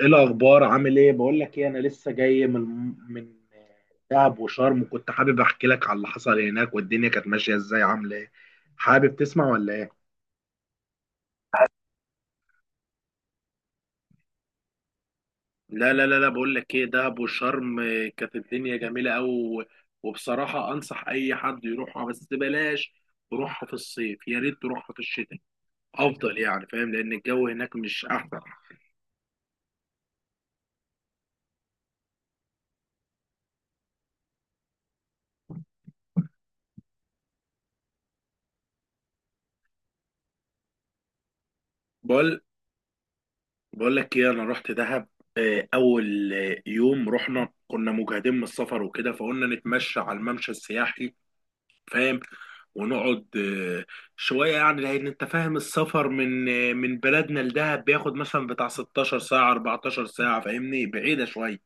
ايه الاخبار؟ عامل ايه؟ بقول لك ايه، انا لسه جاي من دهب وشرم، وكنت حابب احكي لك على اللي حصل هناك، والدنيا كانت ماشيه ازاي، عامله ايه. حابب تسمع ولا ايه؟ لا لا لا لا، بقول لك ايه، دهب وشرم، كانت الدنيا جميله قوي. وبصراحه انصح اي حد يروحها، بس بلاش تروحها في الصيف، يا ريت تروحها في الشتاء افضل يعني، فاهم، لان الجو هناك مش احسن. بقول بقول لك ايه، انا رحت دهب. اول يوم رحنا كنا مجهدين من السفر وكده، فقلنا نتمشى على الممشى السياحي، فاهم، ونقعد شويه يعني، لان انت فاهم السفر من بلدنا لدهب بياخد مثلا بتاع 16 ساعه 14 ساعه، فاهمني، بعيده شويه.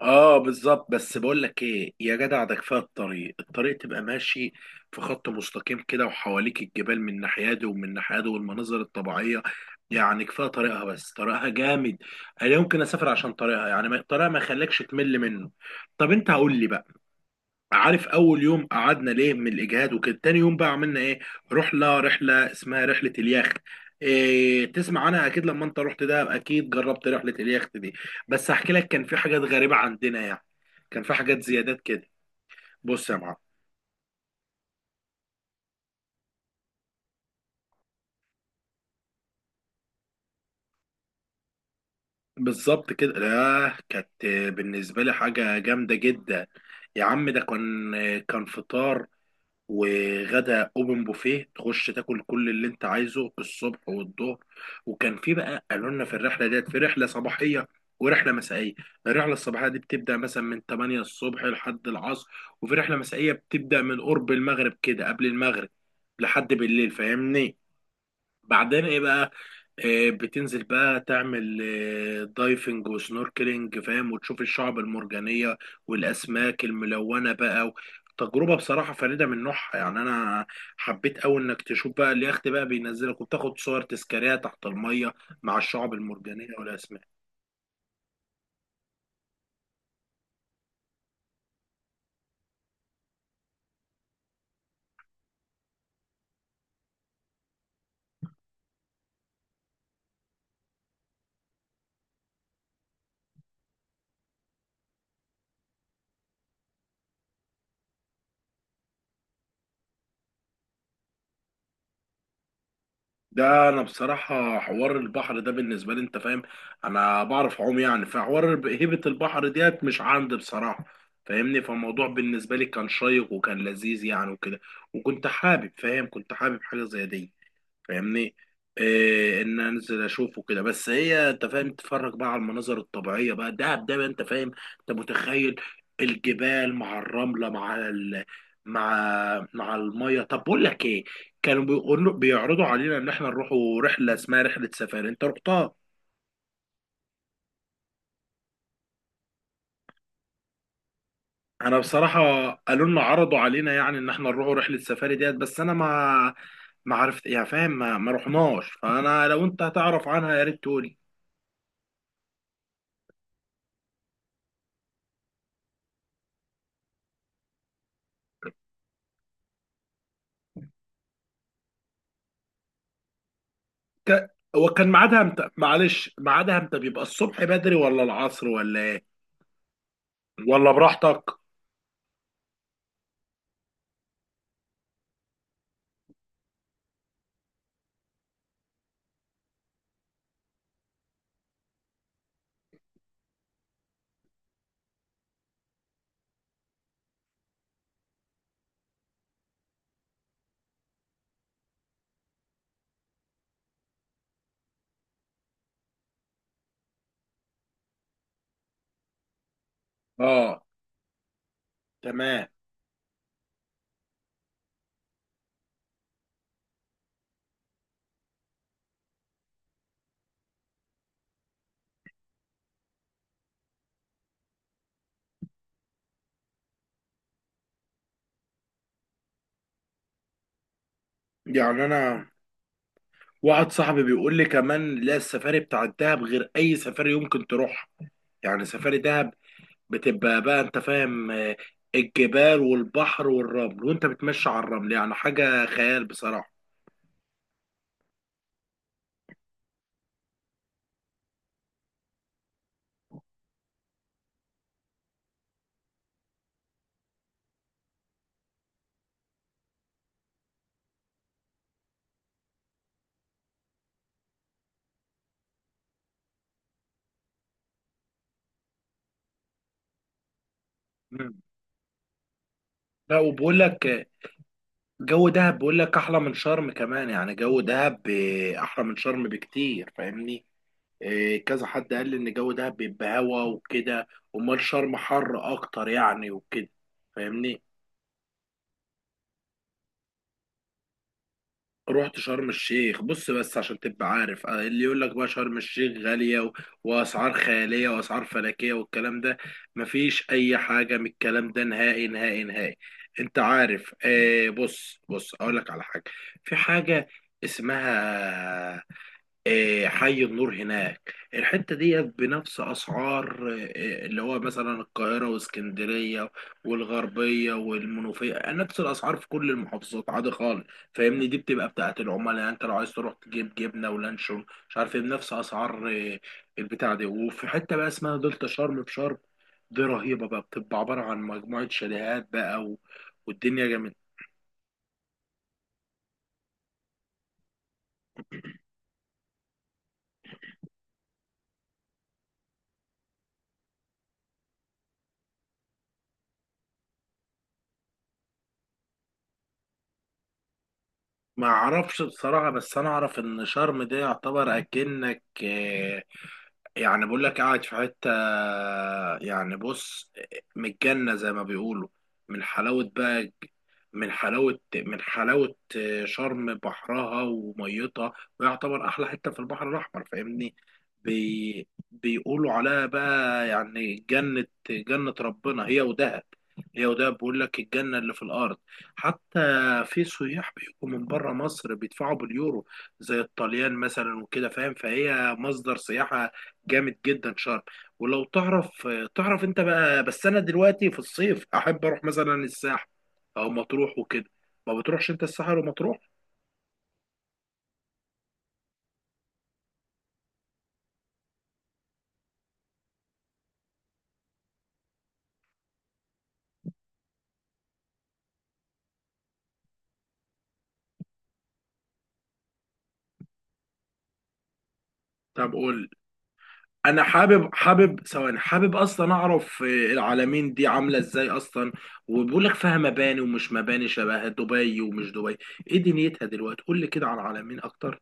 اه بالظبط، بس بقول لك ايه يا جدع، ده كفايه الطريق تبقى ماشي في خط مستقيم كده، وحواليك الجبال من ناحيه دي ومن ناحيه دي، والمناظر الطبيعيه يعني كفايه طريقها. بس طريقها جامد. انا يمكن اسافر عشان طريقها، يعني طريقها ما يخليكش تمل منه. طب انت قول لي بقى، عارف اول يوم قعدنا ليه من الاجهاد وكده، تاني يوم بقى عملنا ايه؟ رحله اسمها رحله اليخت، إيه، تسمع عنها؟ اكيد لما انت رحت ده اكيد جربت رحله اليخت دي. بس هحكي لك، كان في حاجات غريبه عندنا يعني، كان في حاجات زيادات كده. بص يا معلم، بالظبط كده، لا كانت بالنسبه لي حاجه جامده جدا. يا عم، ده كان فطار وغدا اوبن بوفيه، تخش تاكل كل اللي انت عايزه الصبح والظهر. وكان في بقى، قالوا لنا في الرحله ديت في رحله صباحيه ورحله مسائيه. الرحله الصباحيه دي بتبدا مثلا من 8 الصبح لحد العصر، وفي رحله مسائيه بتبدا من قرب المغرب كده، قبل المغرب، لحد بالليل فاهمني. بعدين ايه بقى، بتنزل بقى تعمل دايفنج وسنوركلينج فاهم، وتشوف الشعب المرجانية والأسماك الملونة بقى. تجربة بصراحة فريدة من نوعها، يعني أنا حبيت أوي إنك تشوف بقى اليخت بقى بينزلك وبتاخد صور تذكارية تحت المية مع الشعب المرجانية والأسماك. ده انا بصراحة حوار البحر ده بالنسبة لي، انت فاهم، انا بعرف اعوم يعني، هيبة البحر ديت مش عندي بصراحة، فاهمني، فالموضوع بالنسبة لي كان شيق وكان لذيذ يعني وكده. وكنت حابب، فاهم، كنت حابب حاجة زي دي، فاهمني، إيه، ان انزل اشوفه كده. بس هي انت فاهم، تتفرج بقى على المناظر الطبيعيه بقى، دهب ده بقى، انت فاهم، انت متخيل الجبال مع الرمله مع الميه. طب بقول لك ايه، كانوا بيقولوا بيعرضوا علينا ان احنا نروحوا رحله اسمها رحله سفاري، انت رحتها؟ انا بصراحه قالوا لنا عرضوا علينا يعني ان احنا نروحوا رحله سفاري ديت، بس انا ما عرفت يعني فاهم، ما رحناش، فانا لو انت هتعرف عنها يا ريت تقول. ك... هو كان ميعادها امتى؟ معلش ميعادها امتى؟ بيبقى الصبح بدري ولا العصر ولا ايه ولا براحتك؟ اه تمام، يعني انا واحد صاحبي بيقول لي كمان لا، السفاري بتاع الدهب غير اي سفاري يمكن تروح، يعني سفاري دهب بتبقى بقى انت فاهم، الجبال والبحر والرمل، وانت بتمشي على الرمل، يعني حاجة خيال بصراحة. مم. لا، وبقول لك جو دهب، بقول لك احلى من شرم كمان، يعني جو دهب احلى من شرم بكتير فاهمني. إيه، كذا حد قال لي ان جو دهب بيبقى هوا وكده، امال شرم حر اكتر يعني وكده فاهمني. رحت شرم الشيخ، بص، بس عشان تبقى عارف، اللي يقول لك بقى شرم الشيخ غالية واسعار خيالية واسعار فلكية والكلام ده، مفيش اي حاجة من الكلام ده نهائي نهائي نهائي. انت عارف، بص بص اقول لك على حاجة، في حاجة اسمها حي النور هناك، الحتة دي بنفس أسعار اللي هو مثلا القاهرة واسكندرية والغربية والمنوفية، نفس الأسعار في كل المحافظات عادي خالص فاهمني. دي بتبقى بتاعة العملاء، يعني أنت لو عايز تروح تجيب جبنة ولانشون مش عارف إيه بنفس أسعار البتاع دي. وفي حتة بقى اسمها دلتا شرم في شرم، دي رهيبة بقى، بتبقى عبارة عن مجموعة شاليهات بقى والدنيا جامدة. ما اعرفش بصراحة، بس انا اعرف ان شرم ده يعتبر اكنك يعني بقول لك قاعد في حتة، يعني بص، متجنة زي ما بيقولوا، من حلاوة بقى، من حلاوة من حلاوة شرم بحرها وميتها، ويعتبر أحلى حتة في البحر الأحمر فاهمني. بيقولوا عليها بقى يعني جنة جنة ربنا، هي ودهب. هي ودهب بيقول لك الجنة اللي في الأرض، حتى في سياح بيجوا من بره مصر بيدفعوا باليورو زي الطليان مثلا وكده فاهم، فهي مصدر سياحة جامد جدا شرم. ولو تعرف انت بقى، بس انا دلوقتي في الصيف احب اروح مثلا الساحل او مطروح وكده. ما بتروحش انت الساحل ومطروح؟ طب قول، انا حابب ثواني، حابب اصلا اعرف العالمين دي عامله ازاي اصلا. وبيقول لك فيها مباني ومش مباني شبه دبي ومش دبي، ايه دنيتها دلوقتي؟ قول لي كده عن العالمين اكتر.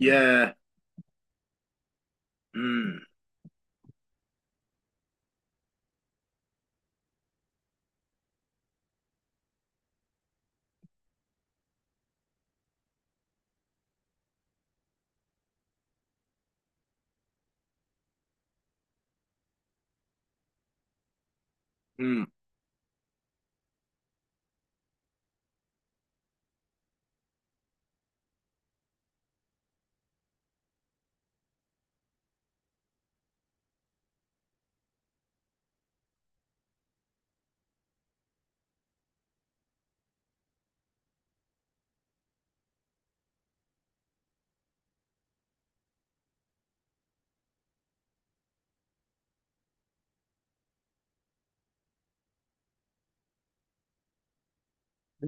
يا امم امم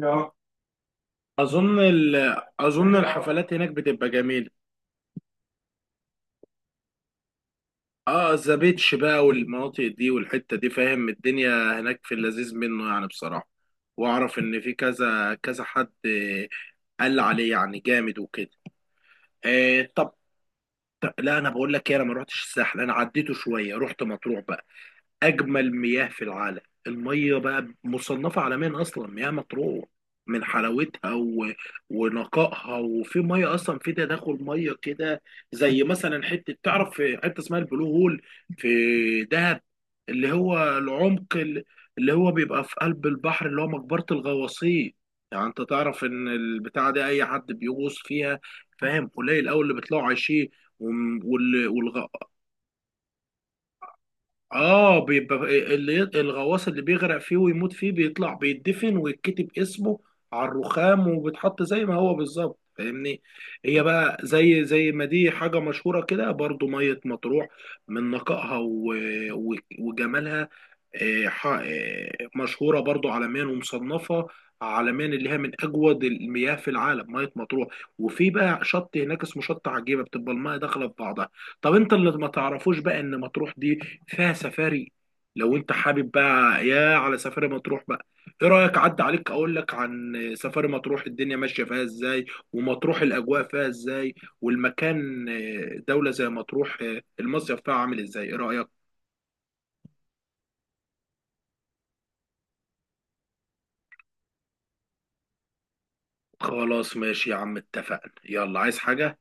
اه، اظن ال... اظن الحفلات هناك بتبقى جميله. اه ذا بيتش بقى والمناطق دي والحته دي فاهم، الدنيا هناك في اللذيذ منه يعني بصراحه. واعرف ان في كذا كذا حد قال عليه يعني جامد وكده. آه طب، لا انا بقول لك ايه، انا ما روحتش الساحل، انا عديته شويه، رحت مطروح بقى، اجمل مياه في العالم. الميه بقى مصنفه عالميا اصلا، مياه مطروح من حلاوتها ونقائها، وفي ميه اصلا، في تداخل ميه كده، زي مثلا حته، تعرف في حته اسمها البلو هول في دهب، اللي هو العمق اللي هو بيبقى في قلب البحر، اللي هو مقبره الغواصين. يعني انت تعرف ان البتاعه دي اي حد بيغوص فيها فاهم، قليل قوي اللي بيطلعوا عايشين، والغواصين. اه بيبقى اللي الغواص اللي بيغرق فيه ويموت فيه بيطلع بيتدفن، ويتكتب اسمه على الرخام، وبيتحط زي ما هو بالظبط فاهمني. هي بقى زي ما دي حاجة مشهورة كده برضو، مية مطروح من نقائها وجمالها، مشهورة برضو عالميا ومصنفة عالميا، اللي هي من أجود المياه في العالم مية مطروح. وفي بقى شط هناك اسمه شط عجيبة، بتبقى المياه داخلة في بعضها. طب انت اللي ما تعرفوش بقى ان مطروح دي فيها سفاري، لو انت حابب بقى يا على سفاري مطروح بقى، ايه رأيك، عدى عليك اقول لك عن سفاري مطروح الدنيا ماشية فيها ازاي، ومطروح الاجواء فيها ازاي، والمكان، دولة زي مطروح، المصيف فيها عامل ازاي؟ ايه رأيك؟ خلاص ماشي يا عم، اتفقنا، يلا، عايز حاجة؟